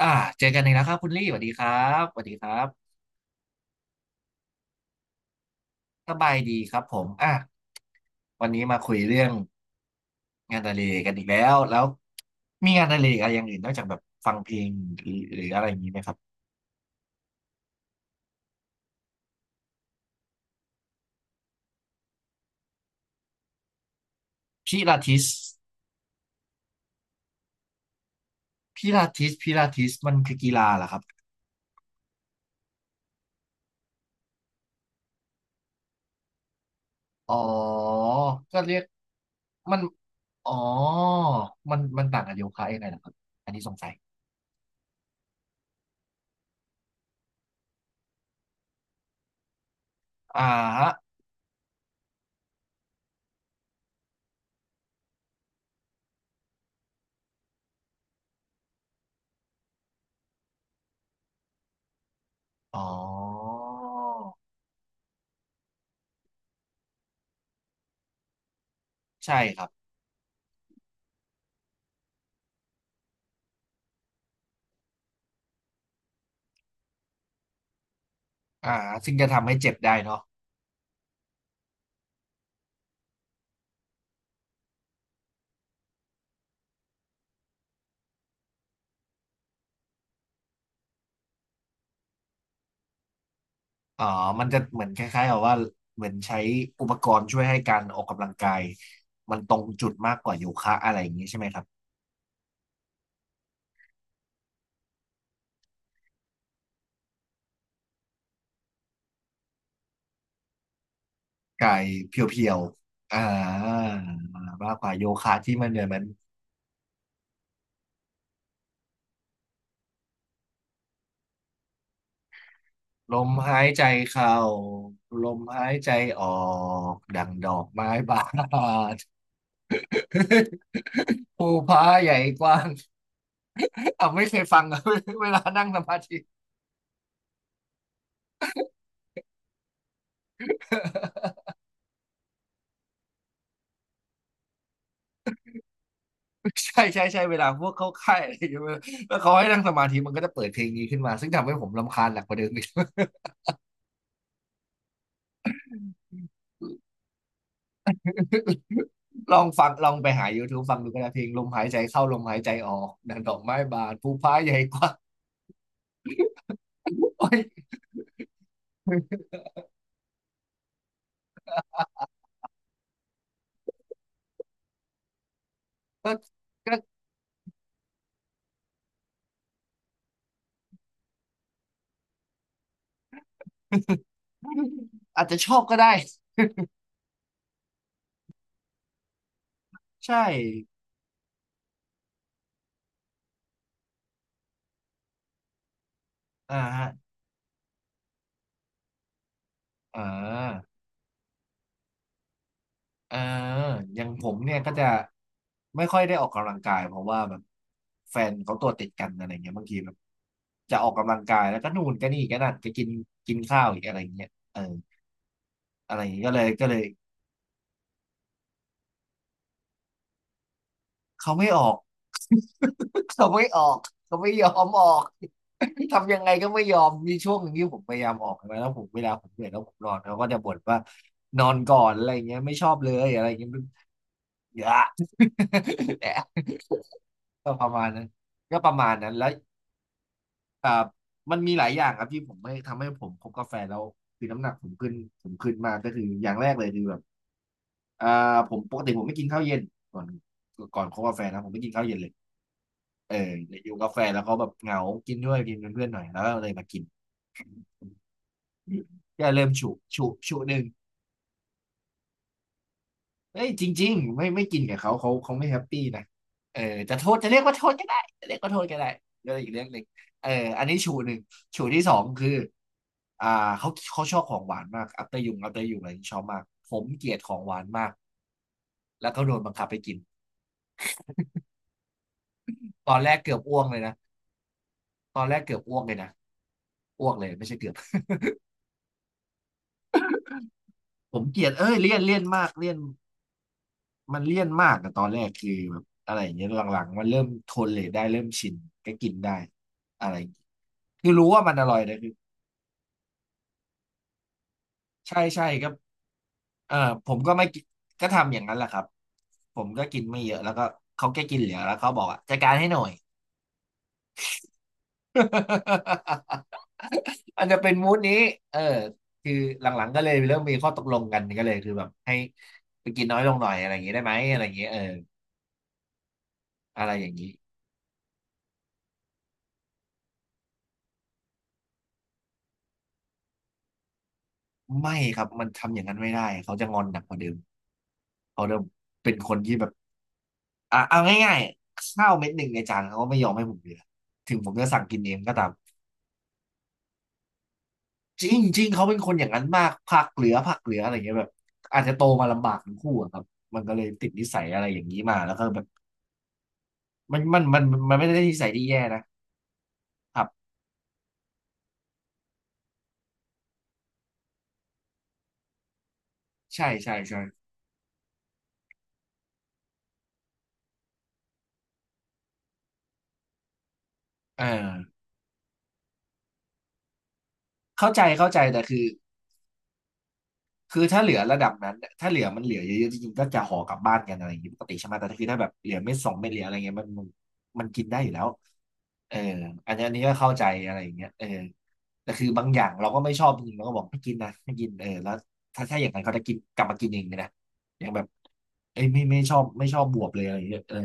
อ่าเจอกันอีกแล้วครับคุณลี่สวัสดีครับสวัสดีครับสบายดีครับผมอ่ะวันนี้มาคุยเรื่องงานอดิเรกกันอีกแล้วมีงานอดิเรกอะไรอย่างอื่นนอกจากแบบฟังเพลงหรืออะไรอย่างนี้ไหมครับพิลาทิสพิลาทิสมันคือกีฬาเหรอครับอ๋อก็เรียกมันอ๋อมันต่างกับโยคะยังไงเหรอครับอันนี้สงสัยอ่าฮะอ๋อใช่ครับอ่าซึ่งจะทำให้เจ็บได้เนาะ อ๋อมันจะเหมือนคล้ายๆกับว่าเหมือนใช้อุปกรณ์ช่วยให้การออกกำลังกายมันตรงจุดมากกว่าโยคะอะไรอย่างนี้ใช่ไหมครับกายเพียวๆ อ่า มากกว่าโยคะที่มันเหมือนมันลมหายใจเข้าลมหายใจออกดังดอกไม้บาน ภูผาใหญ่กว้าง อ่ะไม่เคยฟัง อ่ะเวลานั่งสมาธิ ใช่ใช่ใช่เวลาพวกเข้าค่ายอะไรอย่างเงี้ยแล้วเขาให้นั่งสมาธิมันก็จะเปิดเพลงนี้ขึ้นมาซึ่งทำให้ผมรำคาญหนักกว่าเดิมอีก ลองฟังลองไปหา YouTube ฟังดูก็ได้เพลงลมหายใจเข้าลมหายใจออกดังดอกไม้บานภูฟ้าใหญ่กว่าโอ๊ยก็ก็อาจจะชอบก็ได้ใช่อ่าฮะอ่า เอออย่างผมเนี่ยก็จะไม่ค่อยได้ออกกำลังกายเพราะว่าแบบแฟนเขาตัวติดกันอะไรเงี้ยบางทีแบบจะออกกำลังกายแล้วก็นู่นก็นี่ก็นั่นก็กินกินข้าวอีกอะไรเงี้ยเอออะไรอย่างเงี้ยก็เลยเขาไม่ออก เขาไม่ออกเขาไม่ยอมออกทำยังไงก็ไม่ยอมมีช่วงหนึ่งที่ผมพยายามออกนะแล้วผมเวลาผมเหนื่อยแล้วผมนอนเขาก็จะบ่นว่านอนก่อนอะไรเงี้ยไม่ชอบเลยอะไรเงี้ย อย่า แหละ ก็ประมาณนั้นก็ประมาณนั้นแล้วอ่ามันมีหลายอย่างครับที่ผมไม่ทำให้ผมคบกาแฟแล้วคือน้ำหนักผมขึ้นผมขึ้นมากก็คืออย่างแรกเลยคือแบบอ่าผมปกติผมไม่กินข้าวเย็นก่อนก่อนคบกาแฟนะผมไม่กินข้าวเย็นเลยเออแต่อยู่กาแฟแล้วเขาแบบเหงากินด้วยกินเป็นเพื่อนหน่อยแล้วก็เลยมากินก็เริ่มฉุฉุฉุหนึ่ง เฮ้ยจริงๆไม่กินกับเขาเขาไม่แฮปปี้นะเออจะโทษจะเรียกว่าโทษก็ได้จะเรียกว่าโทษก็ได้ก็อีกเรื่องหนึ่งเอออันนี้ชูหนึ่งชูที่สองคืออ่าเขาชอบของหวานมากอัปเตอร์ยุงอัปเตอร์ยุงอะไรที่ชอบมากผมเกลียดของหวานมากแล้วก็โดนบังคับไปกินตอนแรกเกือบอ้วกเลยนะตอนแรกเกือบอ้วกเลยนะอ้วกเลยไม่ใช่เกือบ ผมเกลียดเอ้ยเลี่ยนเลี่ยนมากเลี่ยน มันเลี่ยนมากอะตอนแรกคือแบบอะไรอย่างเงี้ยหลังๆมันเริ่มทนเลยได้เริ่มชินก็กินได้อะไรอย่างเงี้ยคือรู้ว่ามันอร่อยนะคือใช่ใช่ก็เออผมก็ไม่กินก็ทำอย่างนั้นแหละครับผมก็กินไม่เยอะแล้วก็เขาแค่กินเหลือแล้วเขาบอกอ่ะจัดการให้หน่อย อันจะเป็นมูดนี้เออคือหลังๆก็เลยเริ่มมีข้อตกลงกันก็เลยคือแบบให้ไปกินน้อยลงหน่อยอะไรอย่างงี้ได้ไหมอะไรอย่างงี้เอออะไรอย่างนี้ ไม่ครับมันทำอย่างนั้นไม่ได้เขาจะงอนหนักกว่าเดิมเขาเริ่มเป็นคนที่แบบอ่ะเอาง่ายๆข้าวเม็ดหนึ่งในจานเขาก็ไม่ยอมให้ผมเหลือถึงผมจะสั่งกินเองก็ตามจริงจริงเขาเป็นคนอย่างนั้นมากผักเหลือผักเหลืออะไรเงี้ยแบบอาจจะโตมาลำบากทั้งคู่อะครับมันก็เลยติดนิสัยอะไรอย่างนี้มาแล้วก็แบบมันมันไม่ได้นิสัยที่แย่นะครับใช่ใช่ใช่เออเข้าใจแต่คือ คือถ้าเหลือระดับนั้นเนี่ยถ้าเหลือมันเหลือเยอะๆจริงๆก็จะห่อกลับบ้านกันอะไรอย่างนี้ปกติใช่ไหมแต่ถ้าคือถ้าแบบเหลือเม็ดสองเม็ดเหลืออะไรเงี้ยมันมันกินได้อยู่แล้วเอออันนี้ก็เข้าใจอะไรอย่างเงี้ยเออแต่คือบางอย่างเราก็ไม่ชอบจริงๆเราก็บอกไม่กินนะไม่กินเออแล้วถ้าอย่างนั้นเขาจะกินกลับมากินเองเลยนะอย่างแบบเอ้ยไม่ชอบไม่ชอบบวบเลยอะไรเงี้ยเออ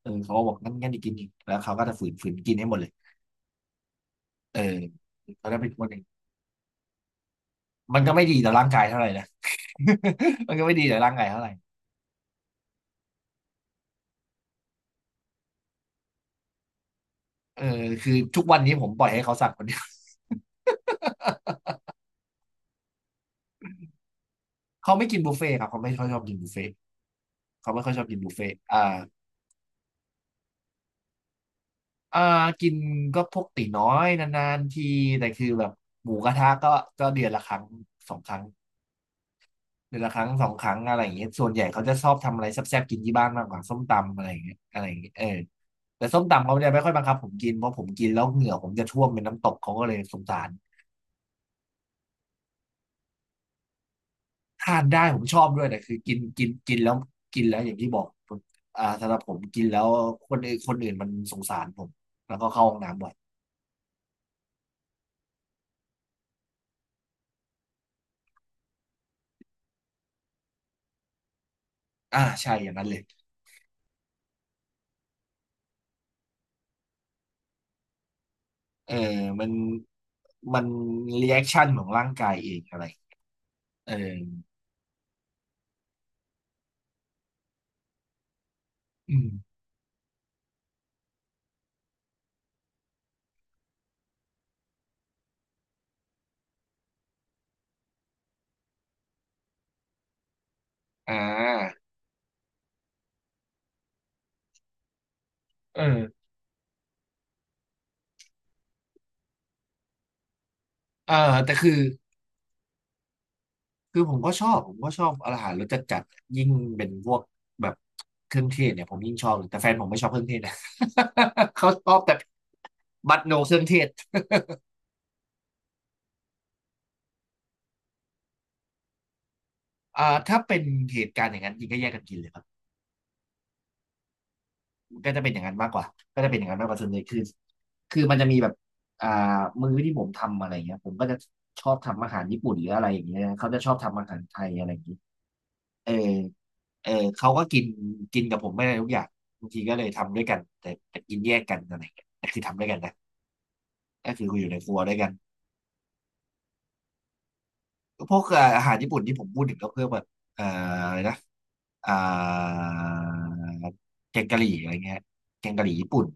เออเขาก็บอกงั้นจะกินอีกแล้วเขาก็จะฝืนกินให้หมดเลยเออเขาจะเป็นคนเองมันก็ไม่ดีต่อร่างกายเท่าไหร่นะ มันก็ไม่ดีต่อร่างกายเท่าไหร่ เออคือทุกวันนี้ผมปล่อยให้เขาสั่งคนเดียว เขาไม่กินบุฟเฟ่ต์ครับเขาไม่ค่อยชอบกินบุฟเฟ่ต์เขาไม่ค่อยชอบกินบุฟเฟ่ต์อ่าอ่ากินก็พวกตี๋น้อยนานๆทีแต่คือแบบหมูกระทะก็ก็เดือนละครั้งสองครั้งเดือนละครั้งสองครั้งอะไรอย่างเงี้ยส่วนใหญ่เขาจะชอบทำอะไรแซ่บๆกินที่บ้านมากกว่าส้มตำอะไรอย่างเงี้ยอะไรอย่างเงี้ยเออแต่ส้มตำเขาจะไม่ค่อยบังคับผมกินเพราะผมกินแล้วเหงื่อผมจะท่วมเป็นน้ำตกเขาก็เลยสงสาร ทานได้ผมชอบด้วยแต่คือกินกินกินแล้วกินแล้วอย่างที่บอกผมอ่าสำหรับผมกินแล้วคนอื่นมันสงสารผมแล้วก็เข้าห้องน้ำบ่อยอ่าใช่อย่างนั้นเลยเออมันมันรีแอคชั่นของร่างกายเองอะไรเอออืมอ่าเออเออแต่คือคือผมก็ชอบผมก็ชอบอาหารรสจัดยิ่งเป็นพวกแบบเครื่องเทศเนี่ยผมยิ่งชอบเลยแต่แฟนผมไม่ชอบเครื่องเทศนะ เขาชอบแต่บัตโนเครื่องเทศ อ่าถ้าเป็นเหตุการณ์อย่างนั้นจริงก็แยกกันกินเลยครับก็จะเป็นอย่างนั้นมากกว่าก็จะเป็นอย่างนั้นมากกว่าส่วนใหญ่คือคือมันจะมีแบบอ่ามื้อที่ผมทำอะไรเงี้ยผมก็จะชอบทำอาหารญี่ปุ่นหรืออะไรอย่างเงี้ยเขาจะชอบทำอาหารไทยอะไรอย่างงี้เออเออเขาก็กินกินกับผมไม่ได้ทุกอย่างบางทีก็เลยทำด้วยกันแต่แต่กินแยกกันอะไรอย่างเงี้ยแต่คือทำด้วยกันนะก็คืออยู่ในครัวด้วยกันพวกอาหารญี่ปุ่นที่ผมพูดถึงก็เพื่อแบบเอ่ออะไรนะ อ่าแกงกะหรี่อะไรเงี้ยแกงกะหรี่ญี่ปุ่น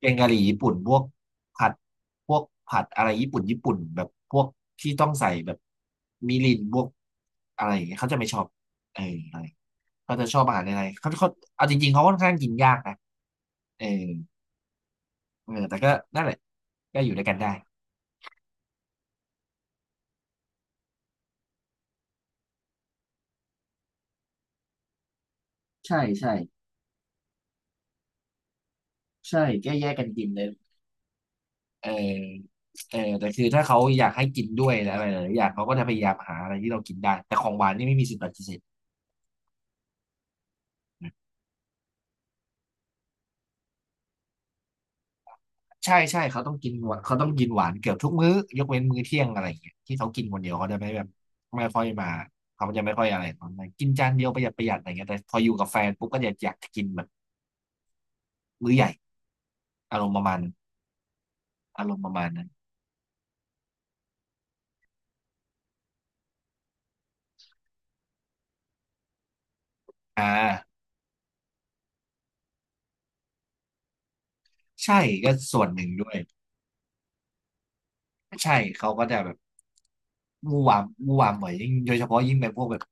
แกงกะหรี่ญี่ปุ่นพวกผัดพวกผัดอะไรญี่ปุ่นแบบพวกที่ต้องใส่แบบมิรินพวกอะไรอย่างเงี้ยเขาจะไม่ชอบเอออะไรเขาจะชอบอาหารอะไรเขาเอาจริงๆเขาค่อนข้างกินยากนะเออเออแต่ก็นั่นแหละก็อยู่ด้วยกันได้ใช่ใช่ใช่แก้แยกกันกินเลย เออเออแต่คือถ้าเขาอยากให้กินด้วยและอะไรหลายๆอย่างเขาก็จะพยายามหาอะไรที่เรากินได้แต่ของหวานนี่ไม่มีสิทธิ์ปฏิเสธใช่ใช่เขาต้องกินหวานเขาต้องกินหวานเกือบทุกมื้อยกเว้นมื้อเที่ยงอะไรอย่างเงี้ยที่เขากินคนเดียวเขาจะไม่แบบไม่ค่อยมาเขาจะไม่ค่อยอะไรปองมนันกินจานเดียวประหยัดอะไรเงี้ยแต่พออยู่กับแฟนปุ๊บก็จะอยากจะกินแบบมื้อใหญ่อารมณ์ประมาณนั้นอารมณ์ประมาณนั้นอ่าใช่ก็ส่วนหนึ่งด้วย ใช่เขาก็จะแบบมู่วามบ่อยยิ่งโดยเฉพาะยิ่งเป็นพวกแบบ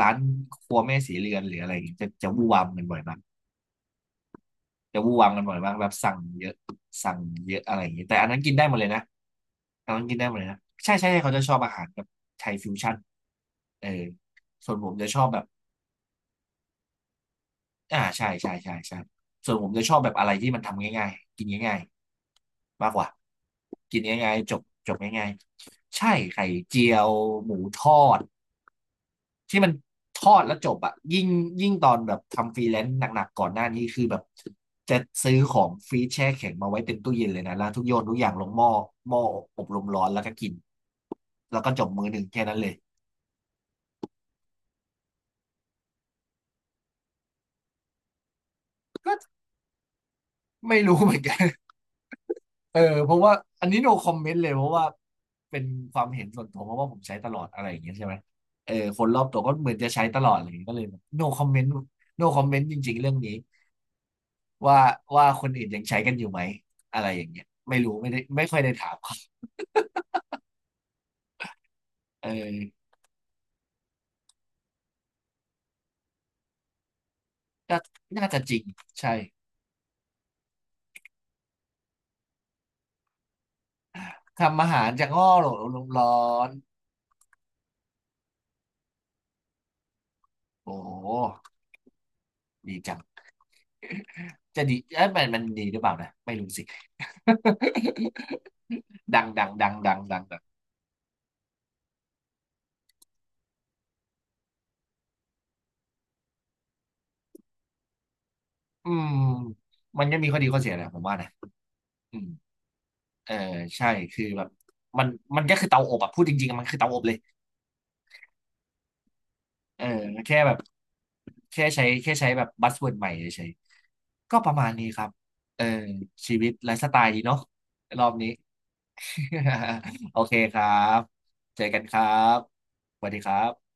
ร้านครัวแม่สีเรือนหรืออะไรอย่างเงี้ยจะมู่วามกันบ่อยมากจะมู่วามกันบ่อยมากแบบสั่งเยอะสั่งเยอะอะไรอย่างเงี้ยแต่อันนั้นกินได้หมดเลยนะอันนั้นกินได้หมดเลยนะใช่ใช่ใช่เขาจะชอบอาหารแบบไทยฟิวชั่นเออส่วนผมจะชอบแบบ อ่าใช่ใช่ใช่ใช่ส่วนผมจะชอบแบบอะไรที่มันทำง่ายๆกินง่ายๆมากกว่ากินง่ายๆจบจบง่ายๆใช่ไข่เจียวหมูทอดที่มันทอดแล้วจบอะยิ่งยิ่งตอนแบบทำฟรีแลนซ์หนักๆก่อนหน้านี้คือแบบจะซื้อของฟรีซแช่แข็งมาไว้เต็มตู้เย็นเลยนะแล้วทุกโยนทุกอย่างลงหม้อหม้ออบลมร้อนแล้วก็กินแล้วก็จบมื้อหนึ่งแค่นั้นเลยก็ไม่รู้เหมือนกัน เออเพราะว่าอันนี้ no comment เลยเพราะว่าเป็นความเห็นส่วนตัวเพราะว่าผมใช้ตลอดอะไรอย่างเงี้ยใช่ไหมเออคนรอบตัวก็เหมือนจะใช้ตลอดอะไรอย่างเงี้ยก็เลยแบบ no comment no comment จริงๆเรื่องนี้ว่าว่าคนอื่นยังใช้กันอยู่ไหมอะไรอย่างเงี้ยไม่รู้ไม่ได้ไม่ค่อยได้ถามเขาเออน่าน่าจะจริงใช่ทำอาหารจากอ้อโหลลมร้อนโอ้โหดีจังจะดีเอ้ยมันมันดีหรือเปล่านะไม่รู้สิ ดัง อืมมันก็มีข้อดีข้อเสียแหละผมว่านะอืมเออใช่คือแบบมันก็คือเตาอบอะพูดจริงๆอะมันคือเตาอบเลยเออแค่แบบแค่ใช้แบบบัสเวิร์ดใหม่เฉยๆก็ประมาณนี้ครับเออชีวิตไลฟ์สไตล์ดีเนาะรอบนี้ โอเคครับเจอกันครับสวัสดีครับ